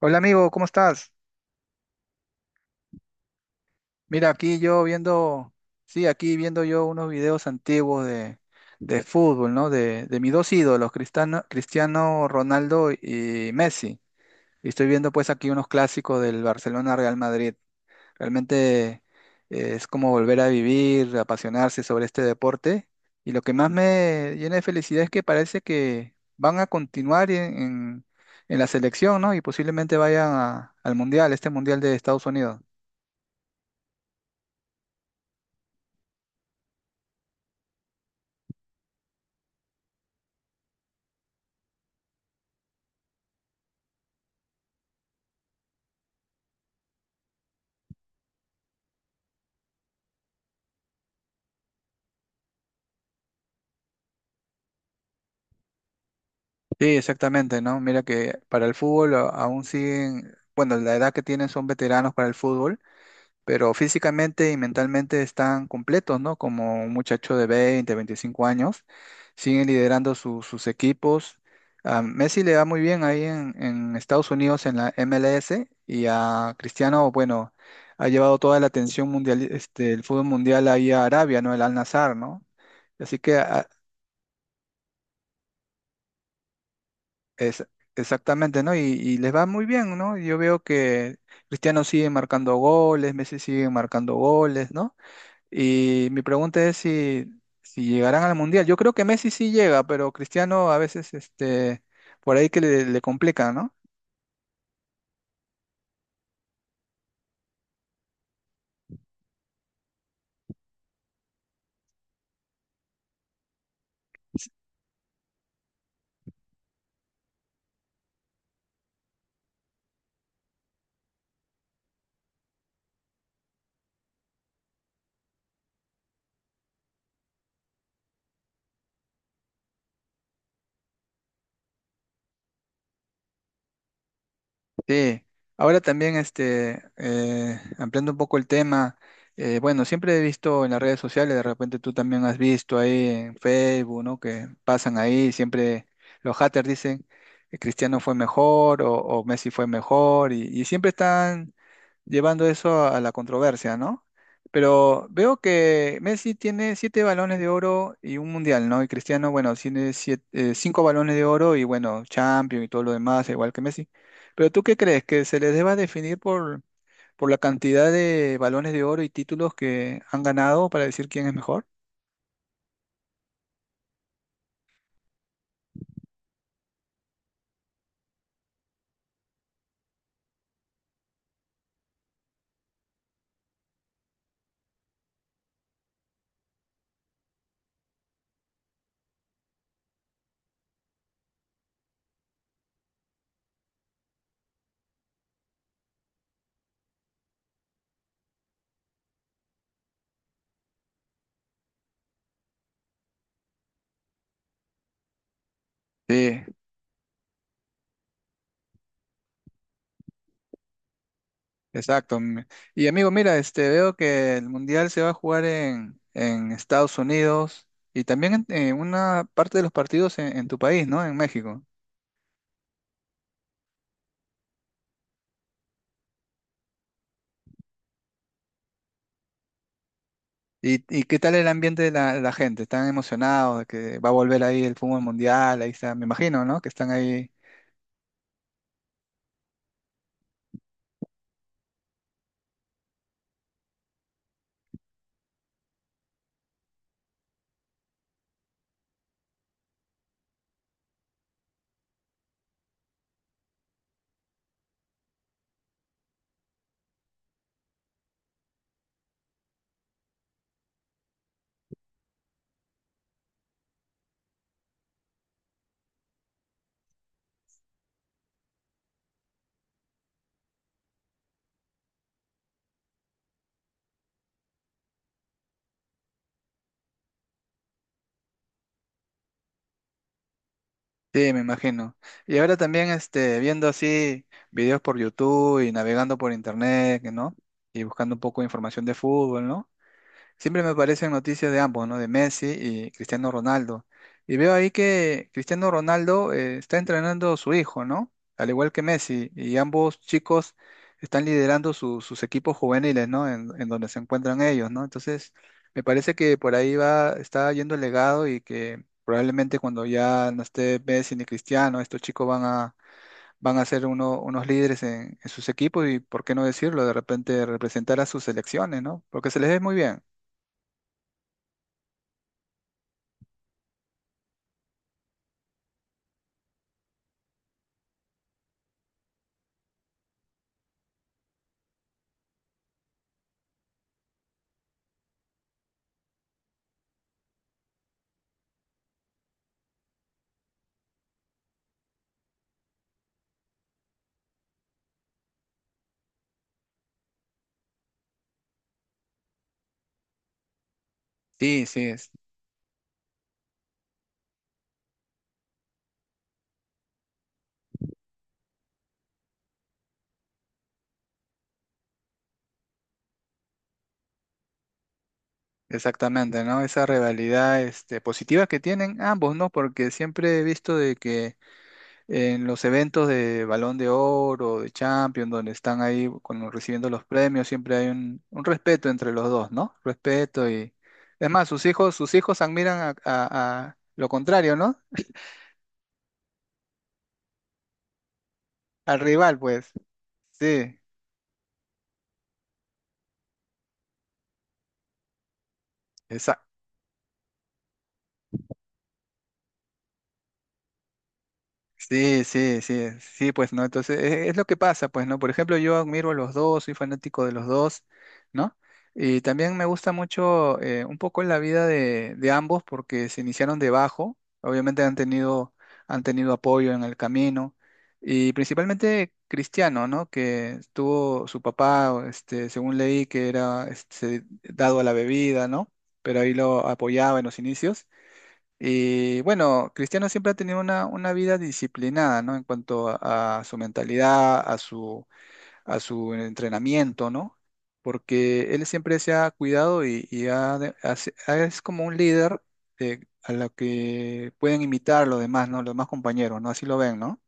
Hola amigo, ¿cómo estás? Mira, aquí yo viendo, sí, aquí viendo yo unos videos antiguos de fútbol, ¿no? De mis dos ídolos, Cristiano Ronaldo y Messi. Y estoy viendo pues aquí unos clásicos del Barcelona-Real Madrid. Realmente es como volver a vivir, apasionarse sobre este deporte. Y lo que más me llena de felicidad es que parece que van a continuar en la selección, ¿no? Y posiblemente al Mundial, este Mundial de Estados Unidos. Sí, exactamente, ¿no? Mira que para el fútbol aún siguen, bueno, la edad que tienen son veteranos para el fútbol, pero físicamente y mentalmente están completos, ¿no? Como un muchacho de 20, 25 años, siguen liderando sus equipos. A Messi le va muy bien en Estados Unidos en la MLS, y a Cristiano, bueno, ha llevado toda la atención mundial, este, el fútbol mundial ahí a Arabia, ¿no? El Al-Nassr, ¿no? Así que a- Es, exactamente, ¿no? Y les va muy bien, ¿no? Yo veo que Cristiano sigue marcando goles, Messi sigue marcando goles, ¿no? Y mi pregunta es si llegarán al Mundial. Yo creo que Messi sí llega, pero Cristiano a veces, este, por ahí que le complica, ¿no? Sí, ahora también este, ampliando un poco el tema, bueno, siempre he visto en las redes sociales, de repente tú también has visto ahí en Facebook, ¿no? Que pasan ahí, siempre los haters dicen que Cristiano fue mejor o Messi fue mejor y siempre están llevando eso a la controversia, ¿no? Pero veo que Messi tiene 7 balones de oro y un mundial, ¿no? Y Cristiano, bueno, 5 balones de oro y bueno, Champions y todo lo demás, igual que Messi. Pero ¿tú qué crees? ¿Que se les deba definir por la cantidad de balones de oro y títulos que han ganado para decir quién es mejor? Sí. Exacto. Y amigo, mira, este, veo que el mundial se va a jugar en Estados Unidos y también en una parte de los partidos en tu país, ¿no? En México. ¿Y, ¿y qué tal el ambiente de la gente? ¿Están emocionados de que va a volver ahí el fútbol mundial? Ahí está, me imagino, ¿no? Que están ahí. Sí, me imagino. Y ahora también este, viendo así videos por YouTube y navegando por internet, ¿no? Y buscando un poco de información de fútbol, ¿no? Siempre me aparecen noticias de ambos, ¿no? De Messi y Cristiano Ronaldo. Y veo ahí que Cristiano Ronaldo está entrenando a su hijo, ¿no? Al igual que Messi. Y ambos chicos están liderando sus equipos juveniles, ¿no? En donde se encuentran ellos, ¿no? Entonces, me parece que por ahí va, está yendo el legado y que probablemente cuando ya no esté Messi ni Cristiano, estos chicos van a ser unos líderes en sus equipos y, ¿por qué no decirlo? De repente representar a sus selecciones, ¿no? Porque se les ve muy bien. Sí, sí, exactamente, ¿no? Esa rivalidad, este, positiva que tienen ambos, ¿no? Porque siempre he visto de que en los eventos de Balón de Oro, de Champions, donde están ahí recibiendo los premios, siempre hay un respeto entre los dos, ¿no? Respeto y... Es más, sus hijos admiran a, a lo contrario, ¿no? Al rival, pues. Sí. Sí, pues no, entonces es, lo que pasa, pues no, por ejemplo, yo admiro a los dos, soy fanático de los dos, ¿no? Y también me gusta mucho un poco la vida de ambos porque se iniciaron debajo, obviamente han tenido apoyo en el camino y principalmente Cristiano, ¿no? Que tuvo su papá, este, según leí, que era este, dado a la bebida, ¿no? Pero ahí lo apoyaba en los inicios. Y bueno, Cristiano siempre ha tenido una vida disciplinada, ¿no? En cuanto a su mentalidad, a su entrenamiento, ¿no? Porque él siempre se ha cuidado y ha de- ha se- ha- es como un líder, a lo que pueden imitar los demás, ¿no? Los demás compañeros, ¿no? Así lo ven, ¿no?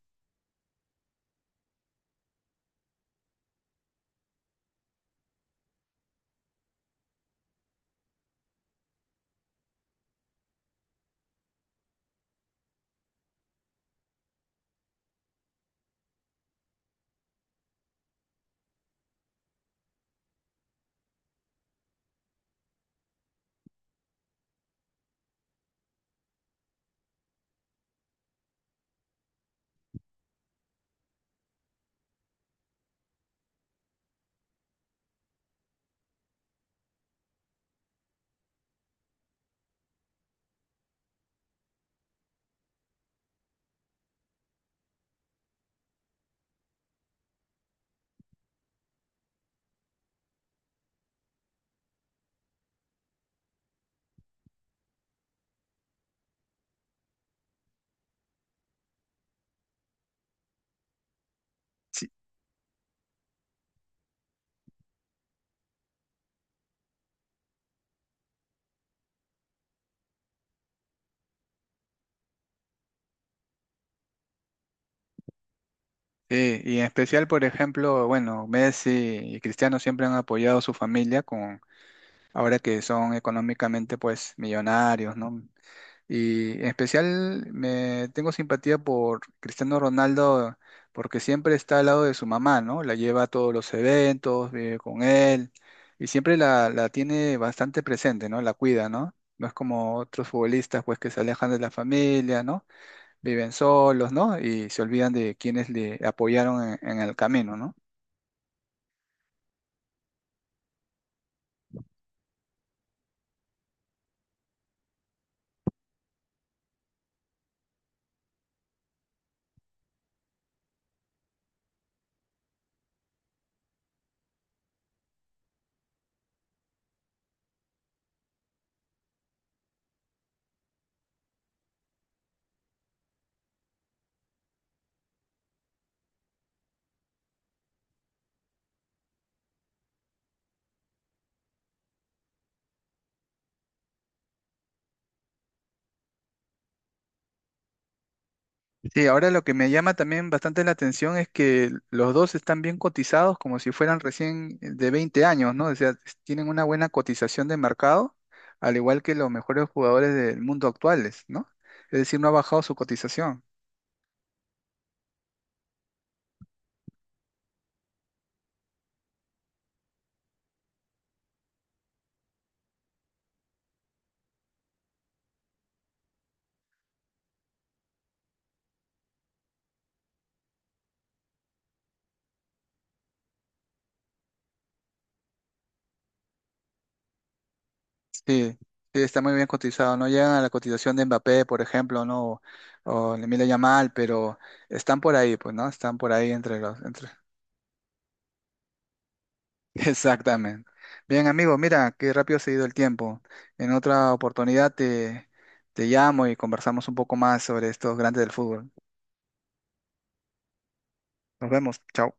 Sí, y en especial, por ejemplo, bueno, Messi y Cristiano siempre han apoyado a su familia con, ahora que son económicamente, pues, millonarios, ¿no? Y en especial me tengo simpatía por Cristiano Ronaldo porque siempre está al lado de su mamá, ¿no? La lleva a todos los eventos, vive con él y siempre la tiene bastante presente, ¿no? La cuida, ¿no? No es como otros futbolistas pues que se alejan de la familia, ¿no? Viven solos, ¿no? Y se olvidan de quienes le apoyaron en el camino, ¿no? Sí, ahora lo que me llama también bastante la atención es que los dos están bien cotizados como si fueran recién de 20 años, ¿no? O sea, tienen una buena cotización de mercado, al igual que los mejores jugadores del mundo actuales, ¿no? Es decir, no ha bajado su cotización. Sí, sí, está muy bien cotizado. No llegan a la cotización de Mbappé, por ejemplo, ¿no? O Lamine Yamal, pero están por ahí, pues, ¿no? Están por ahí entre los, entre... Exactamente. Bien, amigo, mira, qué rápido se ha ido el tiempo. En otra oportunidad te, te llamo y conversamos un poco más sobre estos grandes del fútbol. Nos vemos. Chao.